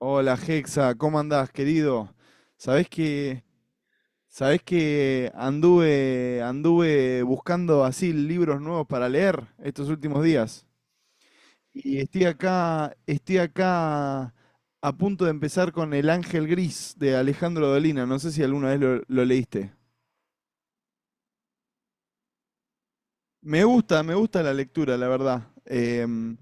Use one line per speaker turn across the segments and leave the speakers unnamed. Hola Hexa, ¿cómo andás, querido? Sabés que, sabés que anduve buscando así libros nuevos para leer estos últimos días. Estoy acá a punto de empezar con El Ángel Gris de Alejandro Dolina. No sé si alguna vez lo leíste. Me gusta la lectura, la verdad.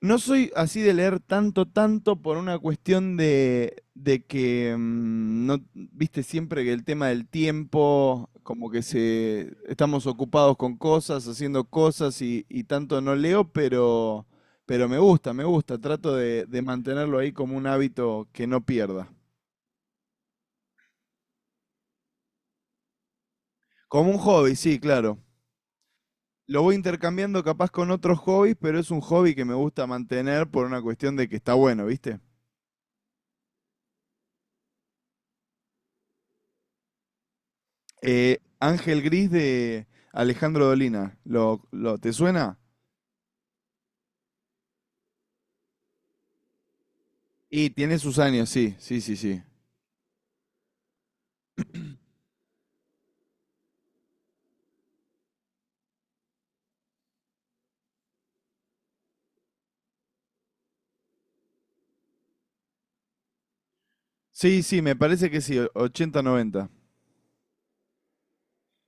No soy así de leer tanto, tanto por una cuestión de que, no, viste, siempre que el tema del tiempo, como que se, estamos ocupados con cosas, haciendo cosas y tanto no leo, pero me gusta, trato de mantenerlo ahí como un hábito que no pierda. Como un hobby, sí, claro. Lo voy intercambiando capaz con otros hobbies, pero es un hobby que me gusta mantener por una cuestión de que está bueno, ¿viste? Ángel Gris de Alejandro Dolina. Te suena? Y tiene sus años, sí, sí, sí, sí. Sí, sí, me parece que sí, o- 80, 90.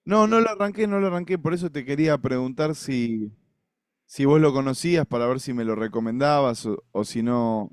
No lo arranqué, por eso te quería preguntar si, si vos lo conocías para ver si me lo recomendabas o si no.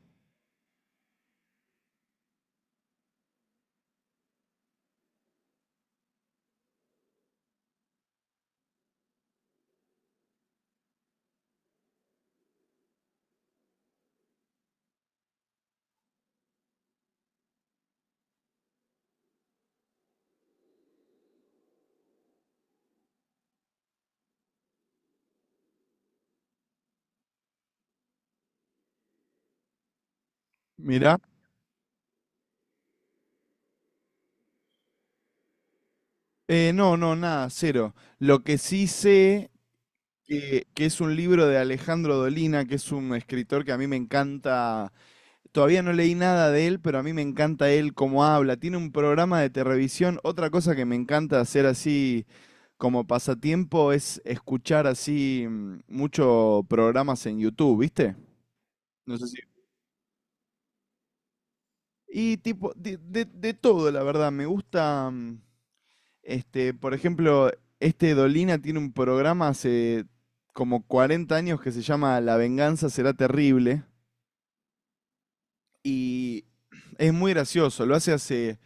Mirá. No, no, nada, cero. Lo que sí sé que es un libro de Alejandro Dolina, que es un escritor que a mí me encanta. Todavía no leí nada de él, pero a mí me encanta él cómo habla. Tiene un programa de televisión. Otra cosa que me encanta hacer así como pasatiempo es escuchar así muchos programas en YouTube, ¿viste? No sé si... Y tipo, de todo, la verdad. Me gusta, este, por ejemplo, este Dolina tiene un programa hace como 40 años que se llama La venganza será terrible. Y es muy gracioso. Lo hace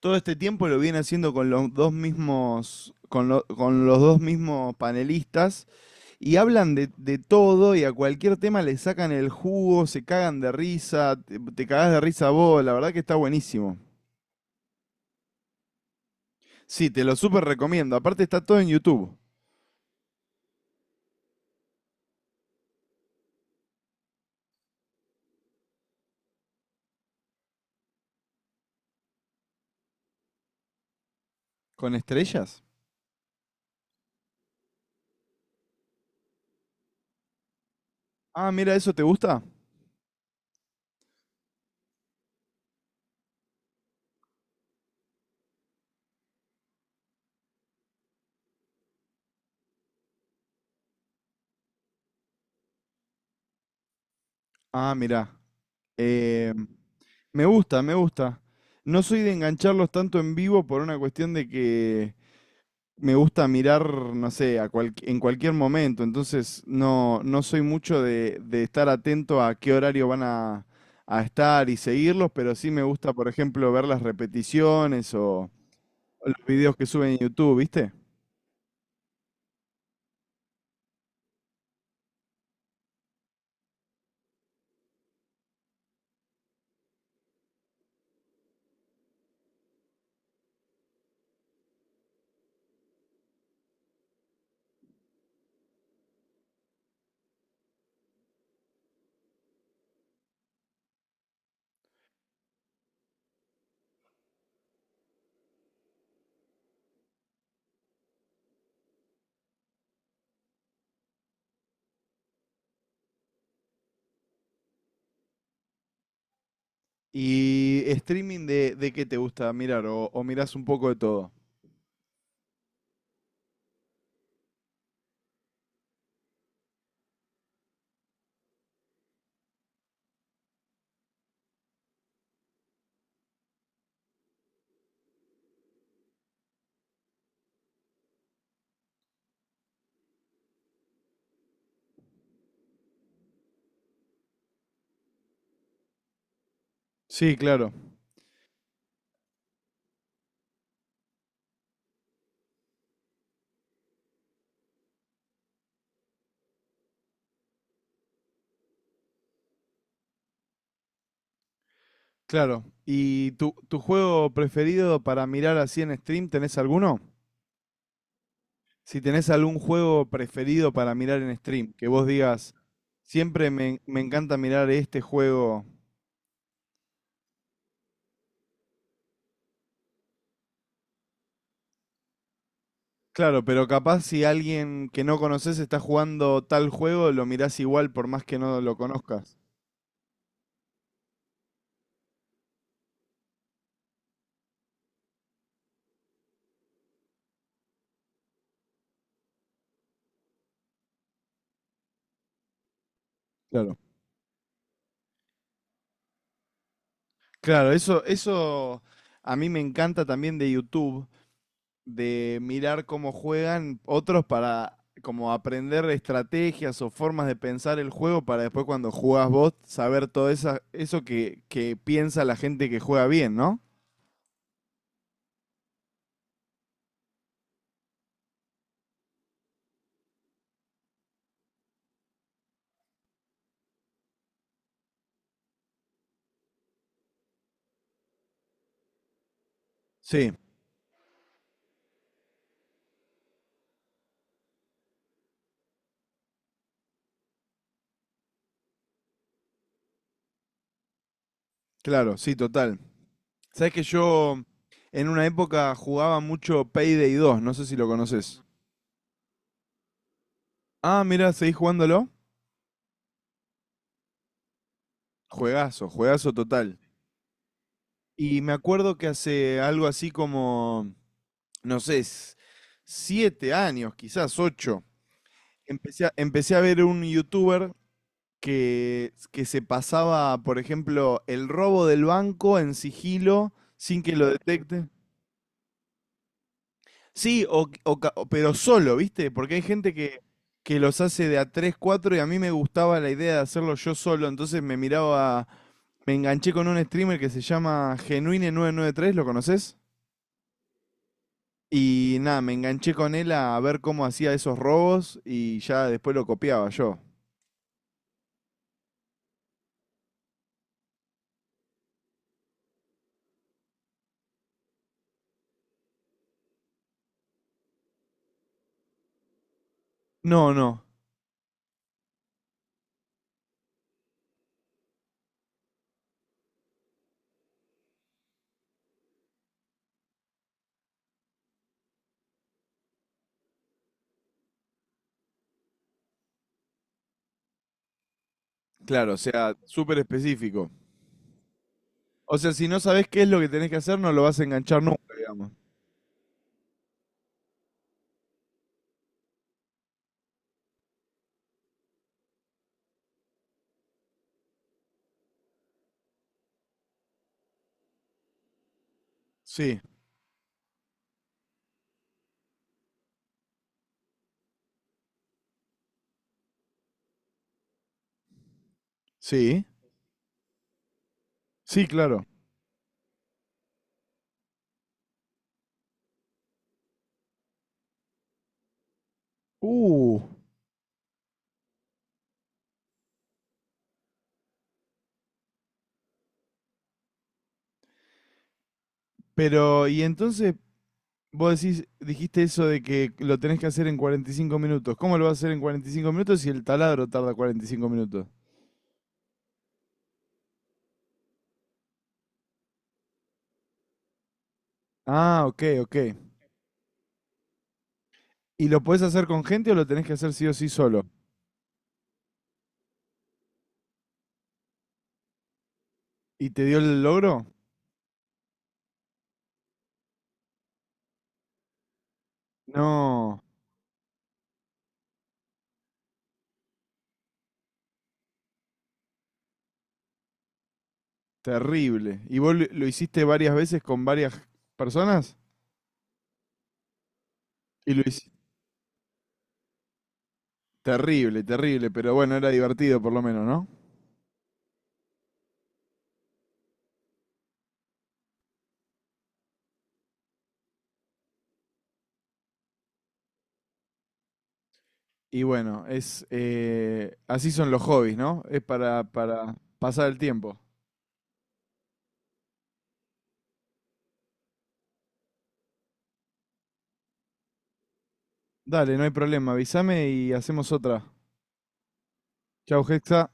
todo este tiempo lo viene haciendo con los dos mismos, con los dos mismos panelistas y hablan de todo y a cualquier tema le sacan el jugo, se cagan de risa, te cagás de risa vos, la verdad que está buenísimo. Sí, te lo súper recomiendo. Aparte está todo en YouTube. ¿Con estrellas? Ah, mira, ¿eso te gusta? Ah, mira. Eh, me gusta, me gusta. No soy de engancharlos tanto en vivo por una cuestión de que me gusta mirar, no sé, en cualquier momento, entonces no, no soy mucho de estar atento a qué horario van a estar y seguirlos, pero sí me gusta, por ejemplo, ver las repeticiones o los videos que suben en YouTube, ¿viste? ¿Y streaming de qué te gusta mirar? O mirás un poco de todo? Sí, claro, claro. ¿Y tu juego preferido para mirar así en stream, tenés alguno? Si tenés algún juego preferido para mirar en stream, que vos digas, siempre me encanta mirar este juego. Claro, pero capaz si alguien que no conoces está jugando tal juego, lo mirás igual por más que no lo conozcas. Claro. Claro, eso a mí me encanta también de YouTube, de mirar cómo juegan otros para como aprender estrategias o formas de pensar el juego para después cuando jugás vos saber todo esa, eso que piensa la gente que juega bien, ¿no? Sí, claro, sí, total. Sabes que yo en una época jugaba mucho Payday dos, no sé si lo conoces. Ah, mira, ¿seguís jugándolo? Juegazo, juegazo total. Y me acuerdo que hace algo así como, no sé, s- siete años, quizás ocho, empecé a ver un youtuber que se pasaba, por ejemplo, el robo del banco en sigilo sin que lo detecte. Sí, pero solo, ¿viste? Porque hay gente que los hace de a 3, 4 y a mí me gustaba la idea de hacerlo yo solo, entonces me miraba, me enganché con un streamer que se llama Genuine993, ¿lo conoces? Y nada, me enganché con él a ver cómo hacía esos robos y ya después lo copiaba yo. No, no, claro, o sea, súper específico. O sea, si no sabes qué es lo que tenés que hacer, no lo vas a enganchar nunca, digamos. Sí, sí, sí, claro. Uh, pero, ¿y entonces vos decís, dijiste eso de que lo tenés que hacer en 45 minutos? ¿Cómo lo vas a hacer en 45 minutos si el taladro tarda 45 minutos? Ah, ok, ok. ¿Y lo podés hacer con gente o lo tenés que hacer sí o sí solo? ¿Y te dio el logro? No, terrible. ¿Y vos lo hiciste varias veces con varias personas? Y lo hiciste. Terrible, terrible, pero bueno, era divertido por lo menos, ¿no? Y bueno, es así son los hobbies, ¿no? Es para pasar el tiempo. Dale, no hay problema, avísame y hacemos otra. Chau, Hexa.